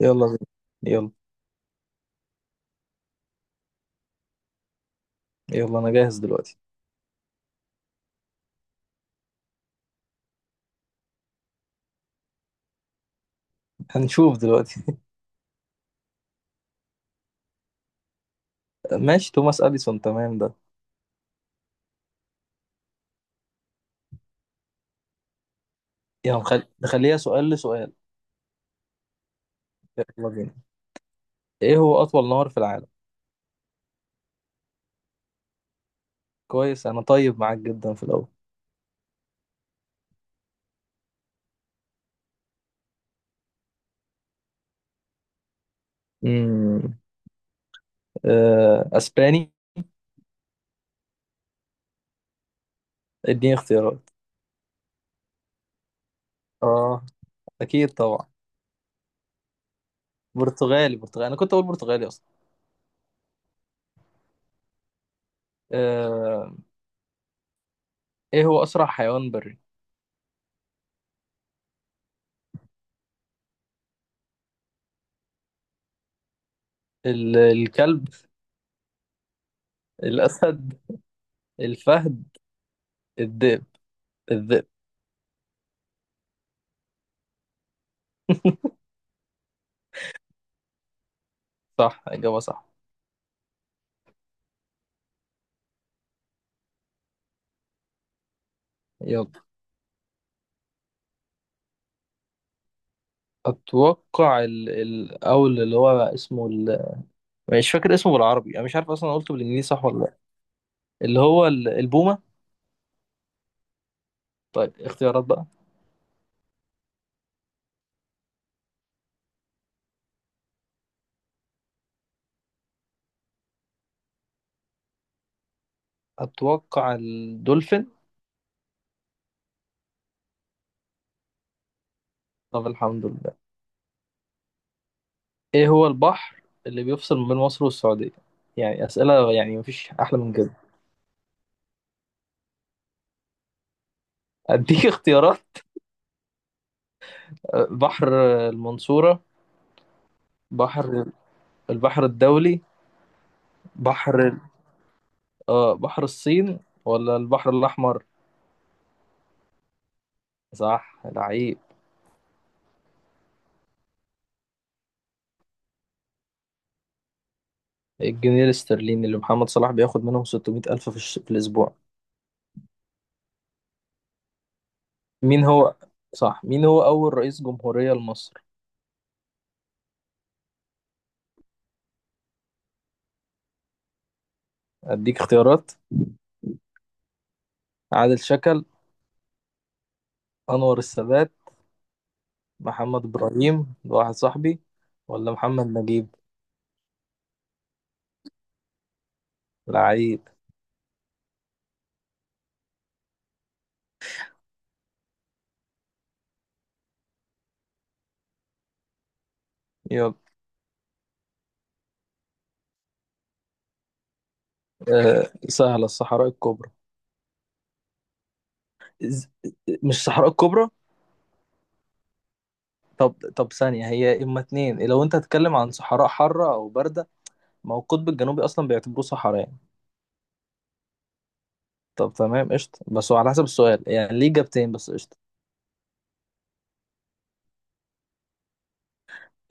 يلا بينا، يلا يلا انا جاهز دلوقتي. هنشوف دلوقتي. ماشي، توماس اديسون، تمام ده. يلا نخليها سؤال لسؤال. يلا بينا. ايه هو اطول نهر في العالم؟ كويس، انا طيب معاك جدا في الاول. امم آه، اسباني. اديني اختيارات. اه. اكيد طبعا. برتغالي، برتغالي، انا كنت اقول برتغالي اصلا. آه، ايه هو اسرع حيوان بري؟ الكلب، الاسد، الفهد، الذئب، الذئب. صح، اجابه صح. يلا. اتوقع الاول اللي هو اسمه مش فاكر اسمه بالعربي، انا مش عارف اصلا قلته بالانجليزي صح ولا لا. اللي هو البومه. طيب اختيارات بقى. اتوقع الدولفين. طب الحمد لله. ايه هو البحر اللي بيفصل ما بين مصر والسعوديه؟ يعني اسئله، يعني مفيش احلى من كده. اديك اختيارات. بحر المنصوره، بحر البحر الدولي، بحر ال- اه بحر الصين، ولا البحر الاحمر. صح العيب. الجنيه الاسترليني اللي محمد صلاح بياخد منهم 600 ألف في الأسبوع. مين هو صح مين هو أول رئيس جمهورية لمصر؟ أديك اختيارات. عادل شكل، أنور السادات، محمد إبراهيم ده واحد صاحبي، ولا محمد نجيب. لعيب. يلا. أه سهلة، الصحراء الكبرى. إز- مش الصحراء الكبرى؟ طب ثانية، هي إما اتنين لو أنت هتتكلم عن صحراء حارة أو باردة. ما هو القطب الجنوبي أصلا بيعتبروه صحراء يعني. طب تمام، قشطة، بس هو على حسب السؤال، يعني ليه إجابتين، بس قشطة.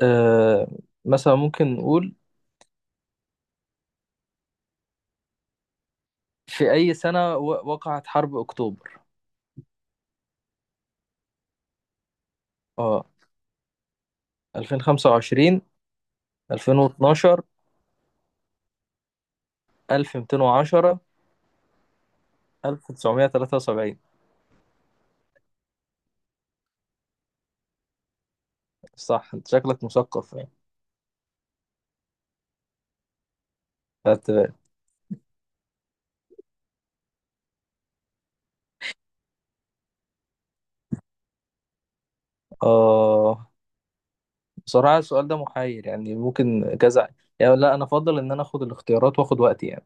آه، مثلا ممكن نقول، في أي سنة وقعت حرب أكتوبر؟ اه، 2025، 2012، 1210، 1973. صح، انت شكلك مثقف يعني. فت- اه، بصراحة السؤال ده محير، يعني ممكن كذا يعني. لا انا افضل ان انا اخد الاختيارات واخد وقتي يعني.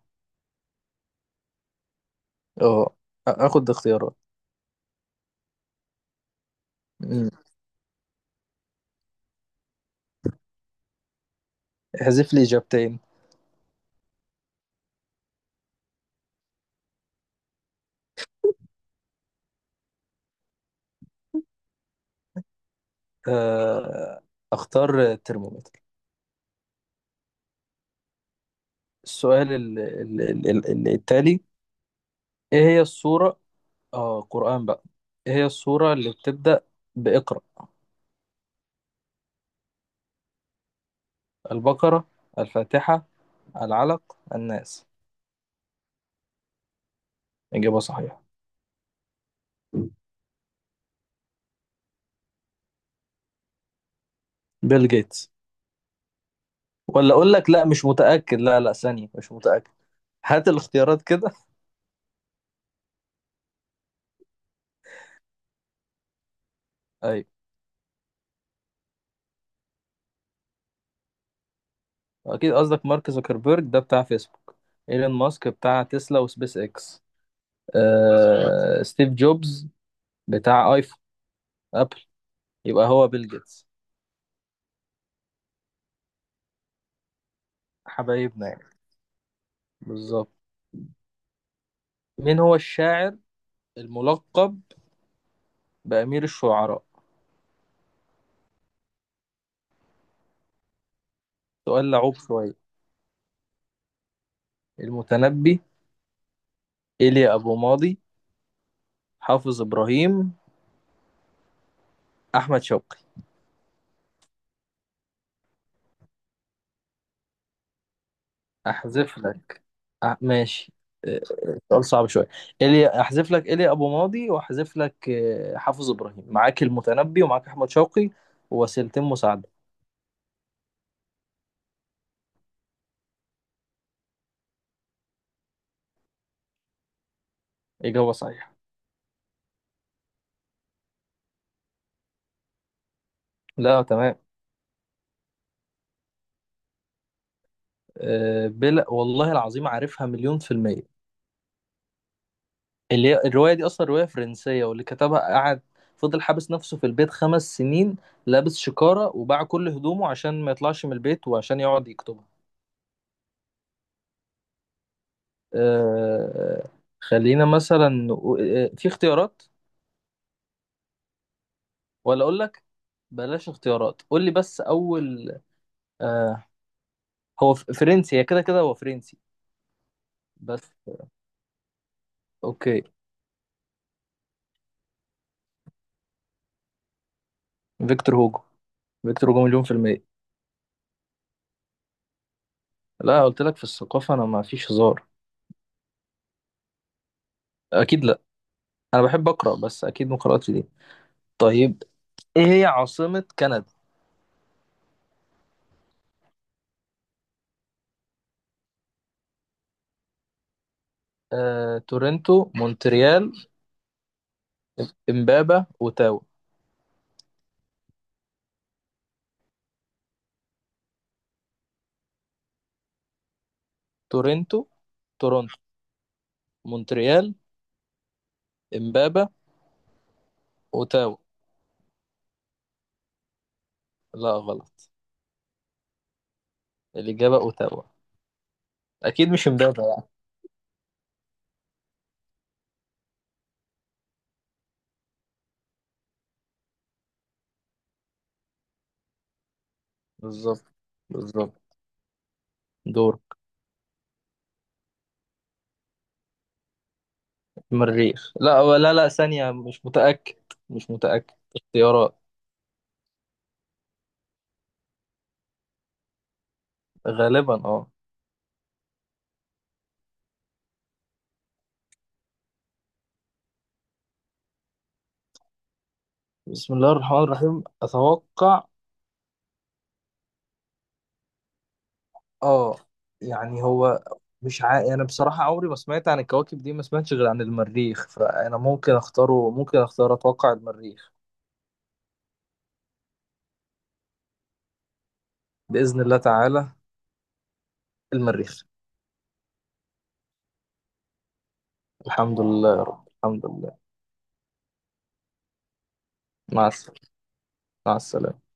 اه، اخد اختيارات. مم. احذف لي اجابتين. آه، اختار ترمومتر. السؤال التالي. ايه هي الصورة؟ اه قرآن بقى. ايه هي السورة اللي بتبدأ بإقرأ؟ البقرة، الفاتحة، العلق، الناس. إجابة صحيحة. بيل جيتس. ولا أقول لك، لا مش متأكد، لا ثانية، مش متأكد. هات الاختيارات كده. أيوة. أكيد قصدك مارك زوكربيرج ده بتاع فيسبوك، إيلون ماسك بتاع تسلا وسبيس إكس. آه... ستيف جوبز بتاع آيفون، أبل. يبقى هو بيل جيتس. حبايبنا يعني. بالظبط. مين هو الشاعر الملقب بأمير الشعراء؟ سؤال لعوب شوية. المتنبي، إيليا أبو ماضي، حافظ إبراهيم، أحمد شوقي. أحذف لك. ماشي. آه، سؤال صعب شوية. إيليا، أحذف لك إيليا أبو ماضي، وأحذف لك آه، حافظ إبراهيم. معاك المتنبي ومعاك أحمد شوقي، ووسيلتين مساعدة. إجابة صحيحة. لا تمام. آه، بلا والله العظيم، عارفها مليون في المية. اللي هي الرواية دي أصلا رواية فرنسية، واللي كتبها قعد، فضل حابس نفسه في البيت 5 سنين، لابس شكارة وباع كل هدومه عشان ما يطلعش من البيت وعشان يقعد يكتبها. أه، خلينا مثلا آه، في اختيارات؟ ولا أقول لك، بلاش اختيارات، قول لي بس أول. أه، هو فرنسي، هي كده كده هو فرنسي. بس أوكي. فيكتور هوجو، فيكتور هوجو مليون في المية. لا قلت لك في الثقافة أنا ما فيش هزار. أكيد لا. أنا بحب أقرأ، بس أكيد ما قرأتش دي. طيب، ايه هي عاصمة كندا؟ آه، تورنتو، مونتريال، امبابة، اوتاوا. تورنتو، تورنتو، مونتريال، امبابة، اوتاوا. لا غلط. الإجابة اوتاوا. أكيد مش امبابة يعني. بالظبط، بالظبط. دورك. مريخ، لا لا، ثانية، مش متأكد، مش متأكد. اختيارات. غالبا اه. بسم الله الرحمن الرحيم، أتوقع. اه، يعني هو مش عا... انا بصراحة عمري ما سمعت عن الكواكب دي، ما سمعتش غير عن المريخ، فانا ممكن اختاره، ممكن اختار، اتوقع المريخ. بإذن الله تعالى، المريخ. الحمد لله يا رب، الحمد لله. مع السلامة، مع السلامة.